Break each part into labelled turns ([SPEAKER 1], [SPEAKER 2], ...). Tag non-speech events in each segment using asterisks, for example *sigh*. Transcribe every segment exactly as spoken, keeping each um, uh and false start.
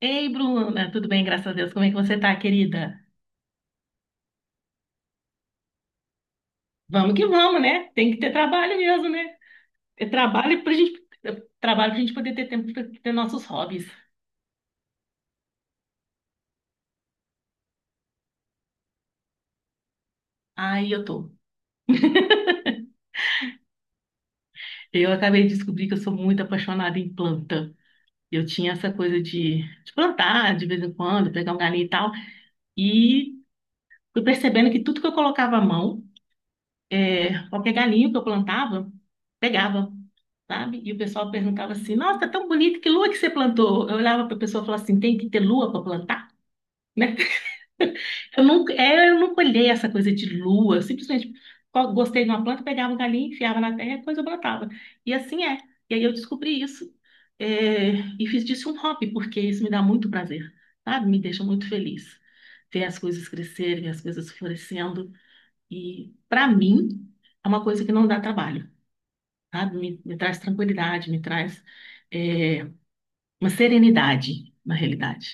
[SPEAKER 1] Ei, Bruna, tudo bem, graças a Deus. Como é que você tá, querida? Vamos que vamos, né? Tem que ter trabalho mesmo, né? É trabalho pra gente, é trabalho pra gente poder ter tempo pra ter nossos hobbies. Aí eu tô. *laughs* Eu acabei de descobrir que eu sou muito apaixonada em planta. Eu tinha essa coisa de, de plantar de vez em quando, pegar um galinho e tal. E fui percebendo que tudo que eu colocava à mão, é, qualquer galinho que eu plantava, pegava. Sabe? E o pessoal perguntava assim: Nossa, tão bonito, que lua que você plantou? Eu olhava para a pessoa e falava assim: Tem que ter lua para plantar, né? Eu nunca, é, eu nunca olhei essa coisa de lua, eu simplesmente co- gostei de uma planta, pegava um galinho, enfiava na terra e depois eu plantava. E assim é. E aí eu descobri isso, é, e fiz disso um hobby, porque isso me dá muito prazer, sabe? Me deixa muito feliz. Ver as coisas crescerem, as coisas florescendo. E, para mim, é uma coisa que não dá trabalho, sabe? Me, me traz tranquilidade, me traz. é, uma serenidade, na realidade.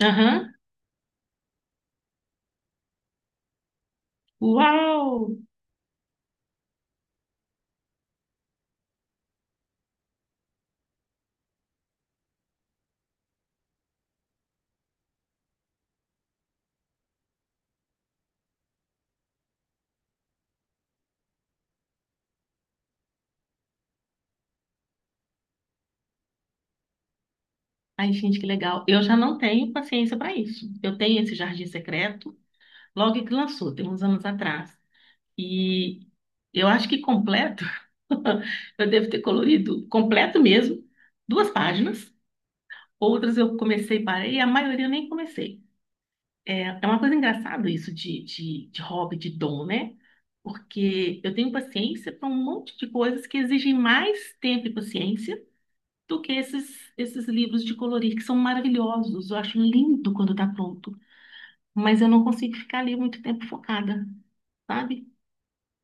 [SPEAKER 1] Aham. Uau! Ai, gente, que legal. Eu já não tenho paciência para isso. Eu tenho esse Jardim Secreto, logo que lançou, tem uns anos atrás. E eu acho que completo, *laughs* eu devo ter colorido completo mesmo, duas páginas. Outras eu comecei e parei, a maioria eu nem comecei. É, é uma coisa engraçada isso de, de, de hobby, de dom, né? Porque eu tenho paciência para um monte de coisas que exigem mais tempo e paciência do que esses, esses livros de colorir, que são maravilhosos. Eu acho lindo quando está pronto, mas eu não consigo ficar ali muito tempo focada, sabe?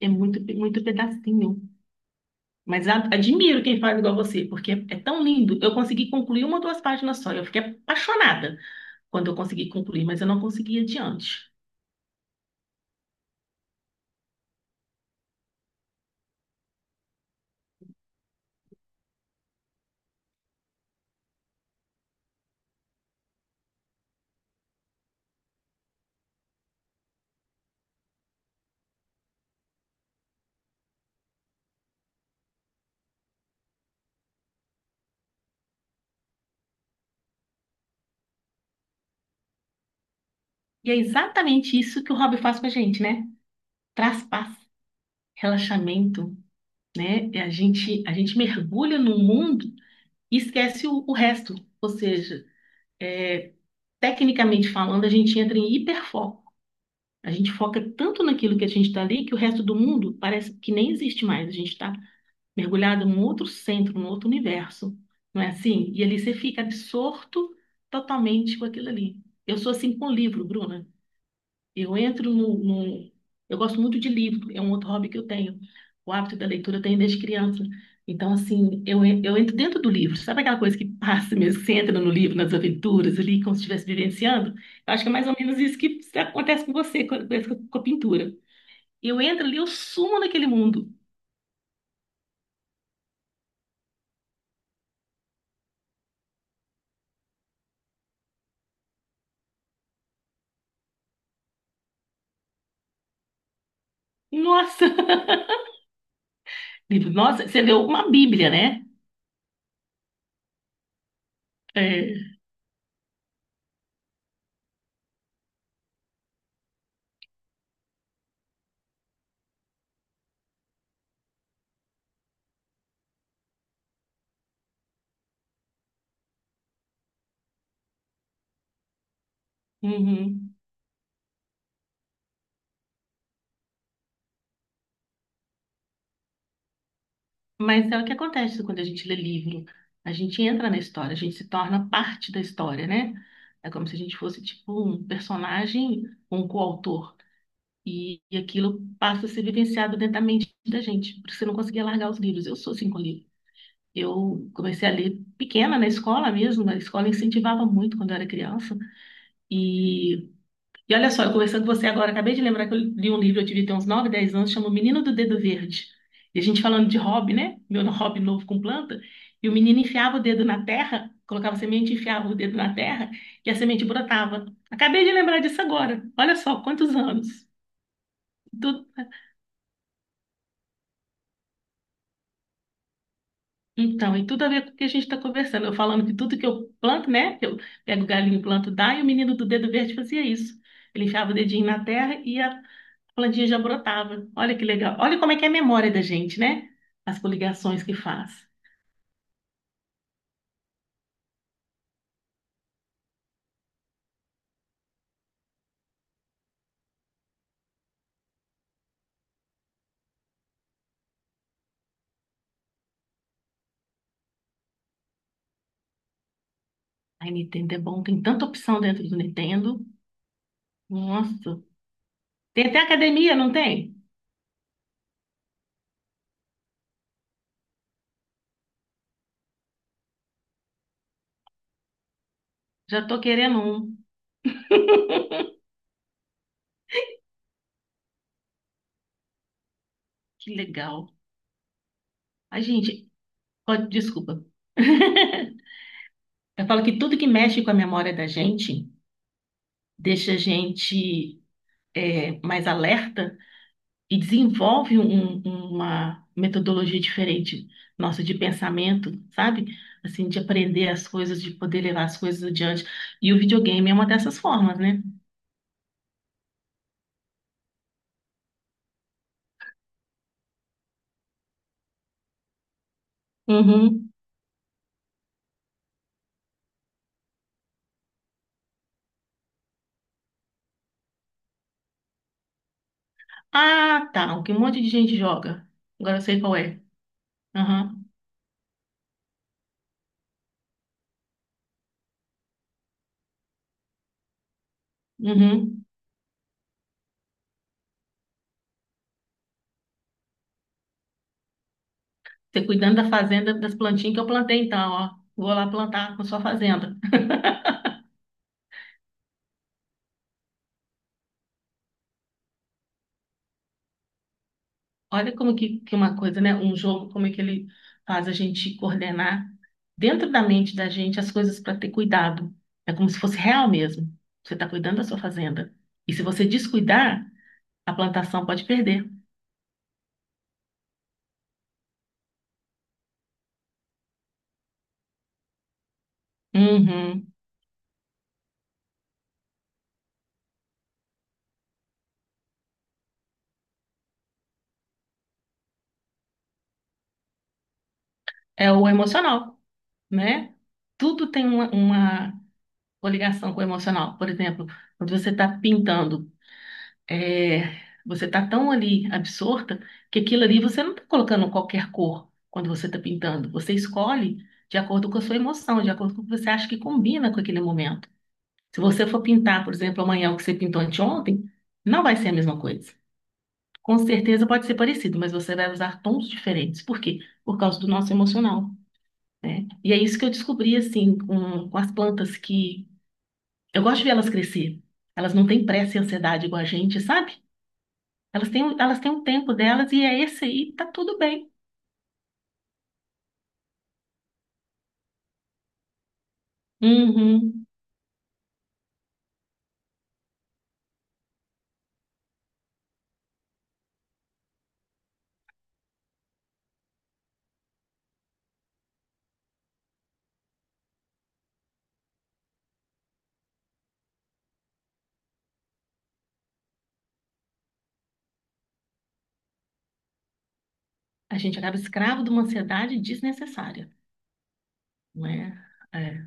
[SPEAKER 1] É muito, é muito pedacinho. Mas admiro quem faz igual você, porque é, é tão lindo. Eu consegui concluir uma ou duas páginas só. Eu fiquei apaixonada quando eu consegui concluir, mas eu não consegui ir adiante. E é exatamente isso que o hobby faz com a gente, né? Traz paz, relaxamento, né? E a gente, a gente mergulha no mundo e esquece o, o resto. Ou seja, é, tecnicamente falando, a gente entra em hiperfoco. A gente foca tanto naquilo que a gente está ali que o resto do mundo parece que nem existe mais. A gente está mergulhado num outro centro, num outro universo. Não é assim? E ali você fica absorto totalmente com aquilo ali. Eu sou assim com o livro, Bruna. Eu entro no, no- Eu gosto muito de livro, é um outro hobby que eu tenho. O hábito da leitura eu tenho desde criança. Então, assim, eu, en- eu entro dentro do livro. Sabe aquela coisa que passa mesmo, que você entra no livro, nas aventuras ali, como se estivesse vivenciando? Eu acho que é mais ou menos isso que acontece com você, com com- com a pintura. Eu entro ali, eu sumo naquele mundo. Nossa! *laughs* Livro, nossa, você leu uma Bíblia, né? É. Uhum. Mas é o que acontece quando a gente lê livro. A gente entra na história, a gente se torna parte da história, né? É como se a gente fosse tipo um personagem, um coautor. E, e aquilo passa a ser vivenciado dentro da mente da gente, porque você não conseguia largar os livros. Eu sou assim com livro. Eu comecei a ler pequena na escola mesmo, a escola incentivava muito quando eu era criança. E e olha só, eu conversando com você agora, acabei de lembrar que eu li um livro, eu tive até uns nove, dez anos, chama O Menino do Dedo Verde. E a gente falando de hobby, né? Meu hobby novo com planta. E o menino enfiava o dedo na terra, colocava semente, enfiava o dedo na terra e a semente brotava. Acabei de lembrar disso agora. Olha só, quantos anos. Tu- Então, e tudo a ver com o que a gente está conversando. Eu falando que tudo que eu planto, né? Eu pego o galinho, planto, dá, e o menino do dedo verde fazia isso. Ele enfiava o dedinho na terra e a a plantinha já brotava. Olha que legal. Olha como é que é a memória da gente, né? As coligações que faz. Ai, Nintendo é bom, tem tanta opção dentro do Nintendo. Nossa. Tem até academia, não tem? Já tô querendo um. Que legal. Ai, gente, pode, desculpa. *laughs* Eu falo que tudo que mexe com a memória da gente deixa a gente é, mais alerta e desenvolve um- um, uma metodologia diferente nossa de pensamento, sabe? Assim, de aprender as coisas, de poder levar as coisas adiante. E o videogame é uma dessas formas, né? Uhum. Ah, tá. O que um monte de gente joga. Agora eu sei qual é. Aham. Uhum. Você cuidando da fazenda, das plantinhas que eu plantei, então, ó. Vou lá plantar na sua fazenda. Olha como que, que uma coisa, né? Um jogo, como é que ele faz a gente coordenar dentro da mente da gente as coisas para ter cuidado. É como se fosse real mesmo. Você está cuidando da sua fazenda. E se você descuidar, a plantação pode perder. Uhum. É o emocional, né? Tudo tem uma, uma coligação com o emocional. Por exemplo, quando você está pintando, é, você está tão ali absorta que aquilo ali você não está colocando qualquer cor quando você está pintando. Você escolhe de acordo com a sua emoção, de acordo com o que você acha que combina com aquele momento. Se você for pintar, por exemplo, amanhã o que você pintou anteontem, não vai ser a mesma coisa. Com certeza pode ser parecido, mas você vai usar tons diferentes. Por quê? Por causa do nosso emocional. E é isso que eu descobri, assim, com, com as plantas que... Eu gosto de ver elas crescer. Elas não têm pressa e ansiedade igual a gente, sabe? Elas têm, o- elas têm um tempo delas e é esse aí, tá tudo bem. Uhum. A gente acaba escravo de uma ansiedade desnecessária, não é? É,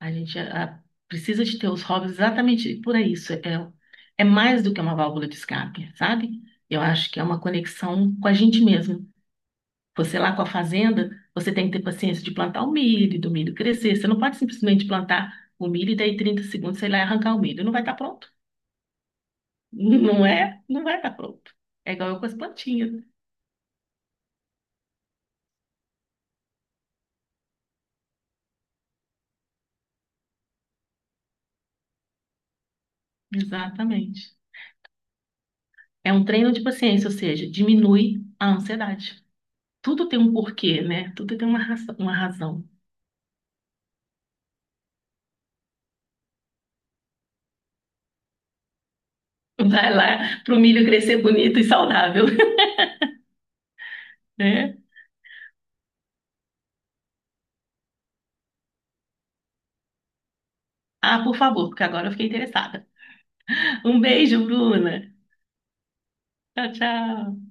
[SPEAKER 1] a gente ah, precisa de ter os hobbies exatamente por isso. É, é mais do que uma válvula de escape, sabe? Eu acho que é uma conexão com a gente mesmo. Você lá com a fazenda, você tem que ter paciência de plantar o milho, do milho crescer. Você não pode simplesmente plantar o milho e daí trinta segundos, sei lá, e arrancar o milho. Não vai estar pronto. *laughs* Não é? Não vai estar pronto. É igual eu com as plantinhas. Exatamente. É um treino de paciência, ou seja, diminui a ansiedade. Tudo tem um porquê, né? Tudo tem uma raça- uma razão. Vai lá pro milho crescer bonito e saudável, *laughs* né? Ah, por favor, porque agora eu fiquei interessada. Um beijo, Bruna. Tchau, tchau.